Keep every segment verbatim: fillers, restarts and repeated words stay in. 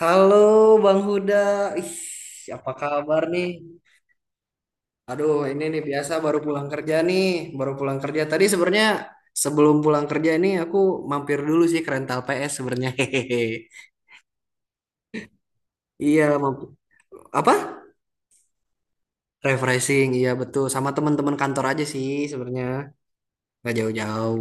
Halo Bang Huda, ih apa kabar nih? Aduh, ini nih biasa baru pulang kerja nih, baru pulang kerja. Tadi sebenarnya sebelum pulang kerja ini aku mampir dulu sih ke rental P S sebenarnya. Hehehe. Iya, mamp- apa? Refreshing, iya betul. Sama teman-teman kantor aja sih sebenarnya, nggak jauh-jauh.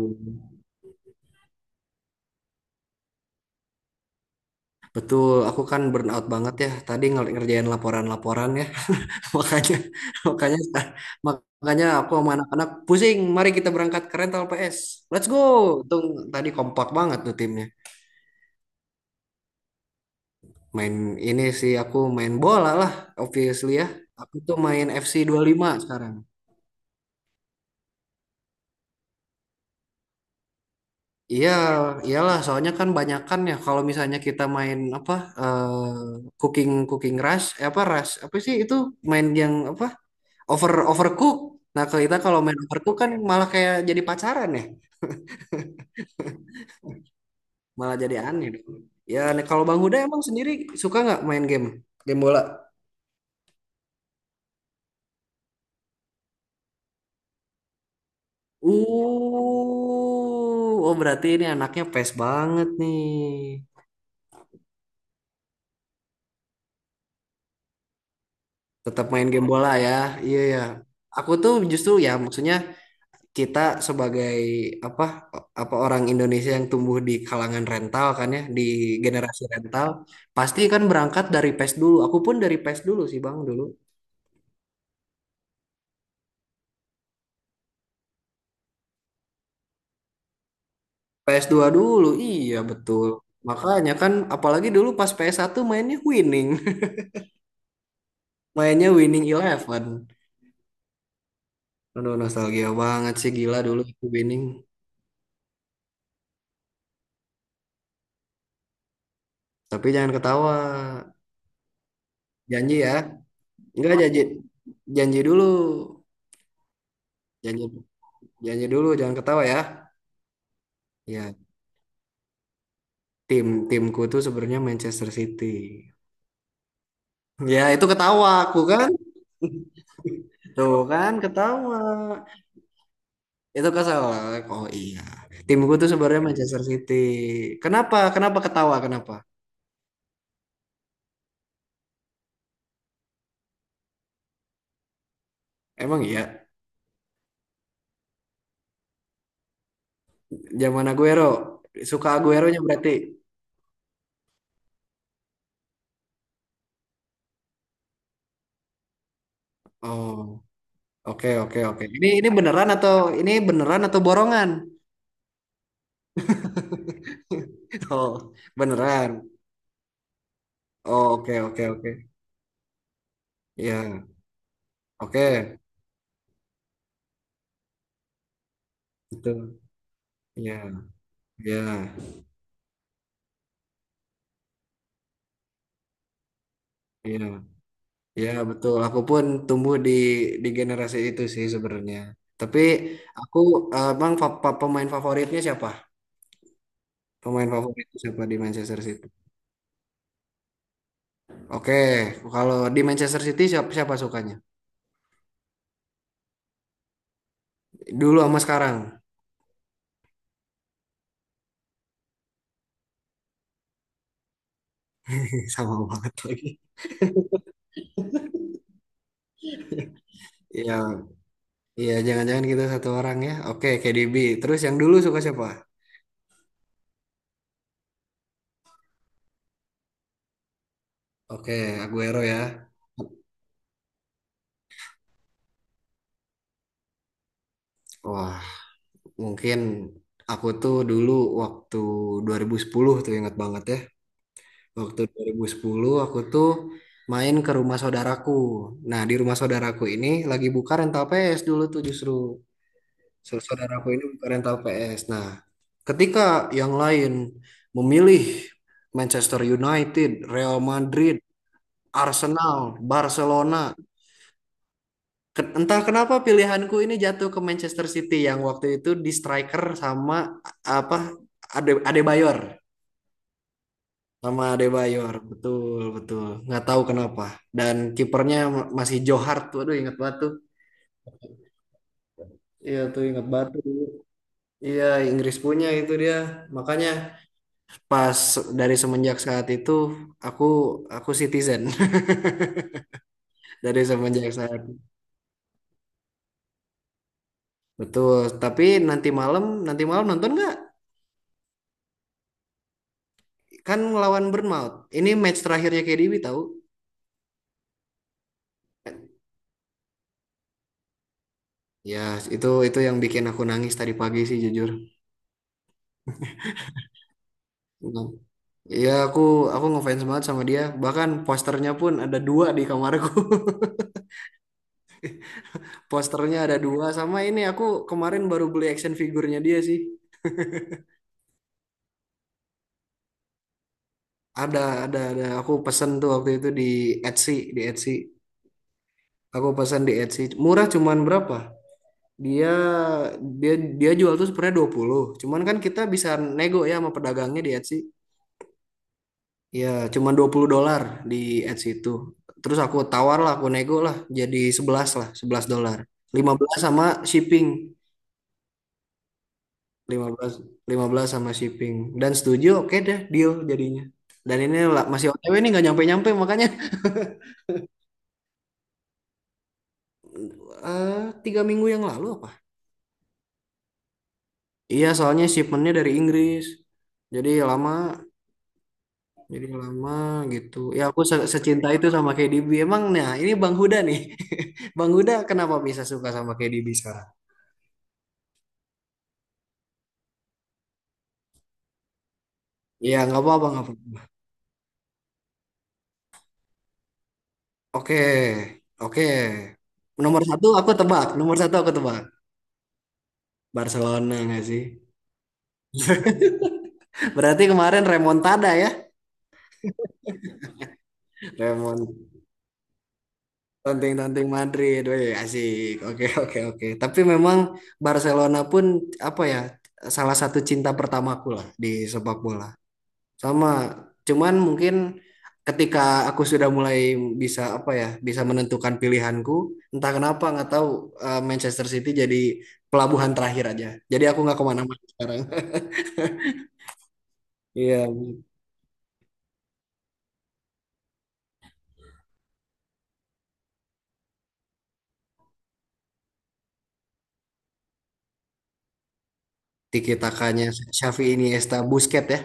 Betul, aku kan burnout banget ya. Tadi ngel- ngerjain laporan-laporan ya. makanya makanya makanya aku sama anak-anak pusing, mari kita berangkat ke rental P S, let's go. Untung tadi kompak banget tuh timnya. Main ini sih aku main bola lah, obviously ya. Aku tuh main F C lima sekarang. Iya, iyalah, soalnya kan banyakan ya kalau misalnya kita main apa, eh, cooking cooking rush, eh, apa rush apa sih itu, main yang apa, over overcook. Nah, kalau kita kalau main overcook kan malah kayak jadi pacaran ya, malah jadi aneh dong. Ya, nih, kalau Bang Huda emang sendiri suka nggak main game, game bola? Uh, oh, berarti ini anaknya pes banget nih. Tetap main game bola ya, iya ya. Aku tuh justru ya, maksudnya kita sebagai apa apa orang Indonesia yang tumbuh di kalangan rental kan ya, di generasi rental, pasti kan berangkat dari PES dulu. Aku pun dari PES dulu sih Bang dulu. P S dua dulu, iya betul. Makanya kan, apalagi dulu pas P S satu mainnya winning. Mainnya winning eleven. Aduh, nostalgia banget sih, gila dulu itu winning. Tapi jangan ketawa. Janji ya. Enggak janji. Janji dulu. Janji, janji dulu, jangan ketawa ya. Ya, tim timku tuh sebenarnya Manchester City. Ya, itu ketawa aku kan. Tuh kan ketawa. Itu keselak. Oh iya. Timku tuh sebenarnya Manchester City. Kenapa? Kenapa ketawa? Kenapa? Emang iya. Zaman Aguero. Suka Aguero-nya berarti. Oh, oke, oke, oke. Ini ini beneran atau ini beneran atau borongan? Oh, beneran. Oh, oke, oke, oke. Iya. Oke. Itu. Iya. Iya. Iya. Ya betul, aku pun tumbuh di di generasi itu sih sebenarnya. Tapi aku, eh, bang fa- fa- pemain favoritnya siapa? Pemain favorit siapa di Manchester City? Oke, kalau di Manchester City siapa siapa sukanya? Dulu sama sekarang. Sama banget lagi. Iya, iya jangan-jangan kita satu orang ya. Oke, K D B. Terus yang dulu suka siapa? Oke, Aguero ya. Wah, mungkin aku tuh dulu waktu dua ribu sepuluh tuh ingat banget ya. Waktu dua ribu sepuluh aku tuh main ke rumah saudaraku. Nah, di rumah saudaraku ini lagi buka rental P S dulu tuh justru. Saud- Saudaraku ini buka rental P S. Nah, ketika yang lain memilih Manchester United, Real Madrid, Arsenal, Barcelona. Ke- Entah kenapa pilihanku ini jatuh ke Manchester City yang waktu itu di striker sama apa Ade Adebayor. Sama Adebayor, betul betul. Nggak tahu kenapa. Dan kipernya ma- masih Johar tuh, aduh ingat banget tuh. Iya tuh ingat banget tuh. Iya, Inggris punya itu dia. Makanya pas dari semenjak saat itu aku aku citizen. Dari semenjak saat. Betul. Tapi nanti malam nanti malam nonton nggak? Kan ngelawan Bournemouth. Ini match terakhirnya K D B tahu? Ya, itu itu yang bikin aku nangis tadi pagi sih jujur. Iya, aku aku ngefans banget sama dia. Bahkan posternya pun ada dua di kamarku. Posternya ada dua, sama ini aku kemarin baru beli action figurnya dia sih. Ada ada ada aku pesen tuh waktu itu di Etsy di Etsy. Aku pesan di Etsy. Murah cuman berapa? Dia dia dia jual tuh sebenarnya dua puluh, cuman kan kita bisa nego ya sama pedagangnya di Etsy. Ya cuman dua puluh dolar di Etsy itu. Terus aku tawar lah, aku nego lah jadi sebelas lah, sebelas dolar. Lima belas sama shipping. lima belas lima belas sama shipping dan setuju, oke deh, deal jadinya. Dan ini la- masih O T W nih, nggak nyampe-nyampe makanya eh, tiga minggu yang lalu apa. Iya, soalnya shipmentnya dari Inggris jadi lama, jadi lama gitu ya. Aku se- secinta itu sama K D B emang. Nah ini Bang Huda nih, Bang Huda kenapa bisa suka sama K D B sekarang? Iya, nggak apa-apa, nggak apa-apa. Oke, oke. Nomor satu aku tebak, nomor satu aku tebak Barcelona nggak sih? Berarti kemarin remontada ya. Lemon tanding-tanding Madrid, weh, asik. Oke, oke, oke. Tapi memang Barcelona pun apa ya, salah satu cinta pertamaku lah di sepak bola. Sama, cuman mungkin ketika aku sudah mulai bisa apa ya, bisa menentukan pilihanku, entah kenapa nggak tahu, eh, Manchester City jadi pelabuhan terakhir aja. Jadi aku nggak kemana-mana sekarang. Iya, tiki takanya Xavi Iniesta Busquets ya.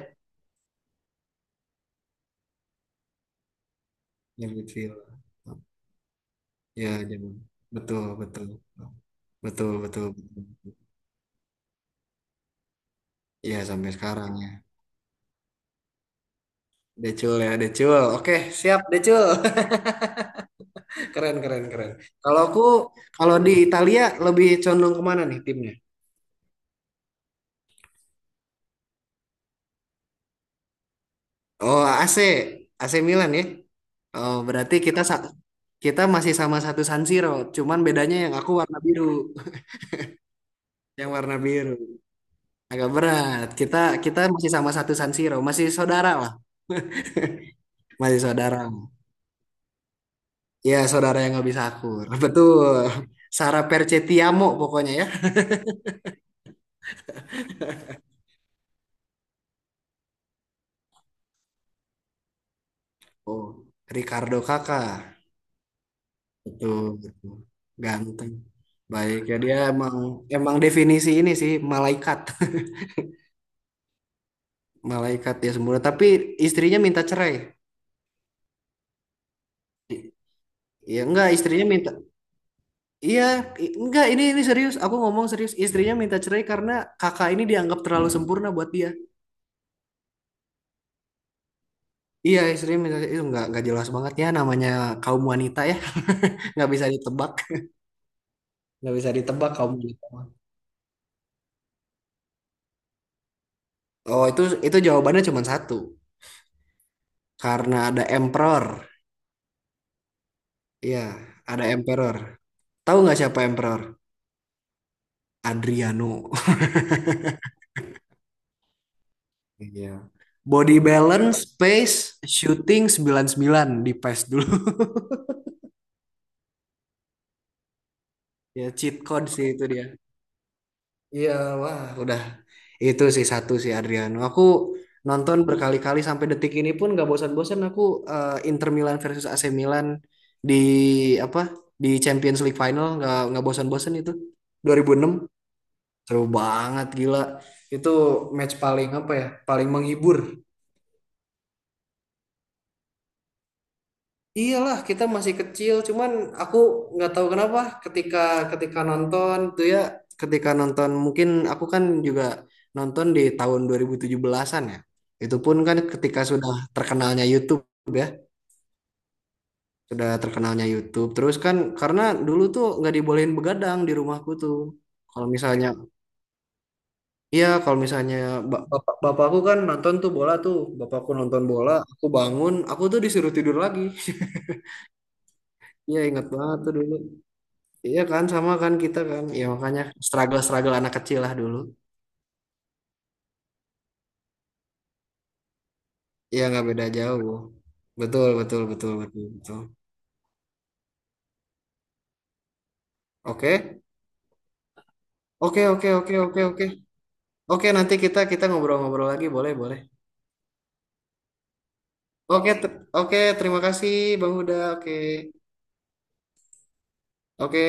Ya, gitu. Ya, jadi betul, betul, betul, betul, betul. Ya, sampai sekarang ya. Decul ya, Decul. Oke, siap Decul. Keren, keren, keren. Kalau aku, kalau di Italia lebih condong kemana nih timnya? Oh, AC, A C Milan ya. Oh, berarti kita sa- kita masih sama satu San Siro, cuman bedanya yang aku warna biru. Yang warna biru. Agak berat. Kita kita masih sama satu San Siro, masih saudara lah. Masih saudara. Ya, saudara yang nggak bisa akur. Betul. Sara Percetiamo pokoknya ya. Oh, Ricardo Kakak. Betul, betul. Ganteng. Baik ya dia emang emang definisi ini sih malaikat. Malaikat ya sempurna. Tapi istrinya minta cerai. I- Ya enggak, istrinya minta. Iya, i- enggak, ini ini serius. Aku ngomong serius. Istrinya minta cerai karena kakak ini dianggap terlalu sempurna buat dia. Iya, istrinya minta cerai. Itu enggak enggak jelas banget ya, namanya kaum wanita ya. Nggak bisa ditebak. Nggak bisa ditebak kamu gitu. Oh, itu itu jawabannya cuma satu. Karena ada emperor. Iya, ada emperor. Tahu nggak siapa emperor? Adriano. Iya. Body balance, pace, shooting sembilan puluh sembilan di pace dulu. Ya, cheat code sih itu dia. Iya, wah, udah itu sih satu sih Adriano. Aku nonton berkali-kali sampai detik ini pun gak bosan-bosan. Aku, eh, Inter Milan versus A C Milan di apa di Champions League final, nggak nggak bosan-bosan itu, dua ribu enam. Seru banget, gila itu match paling apa ya, paling menghibur. Iyalah kita masih kecil, cuman aku nggak tahu kenapa ketika ketika nonton tuh ya, ketika nonton mungkin aku kan juga nonton di tahun dua ribu tujuh belasan-an ya. Itu pun kan ketika sudah terkenalnya YouTube ya, sudah terkenalnya YouTube. Terus kan karena dulu tuh nggak dibolehin begadang di rumahku tuh. Kalau misalnya, iya kalau misalnya ba- bapak bapakku kan nonton tuh bola tuh, bapakku nonton bola, aku bangun, aku tuh disuruh tidur lagi. Iya ingat banget tuh dulu. Iya kan sama kan kita kan. Ya makanya struggle-struggle anak kecil lah dulu. Iya nggak beda jauh. Betul betul betul betul betul. Oke. Oke, oke, oke, oke, oke. Oke, nanti kita kita ngobrol-ngobrol lagi, boleh boleh. Oke, ter- oke terima kasih Bang Huda. Oke. Oke.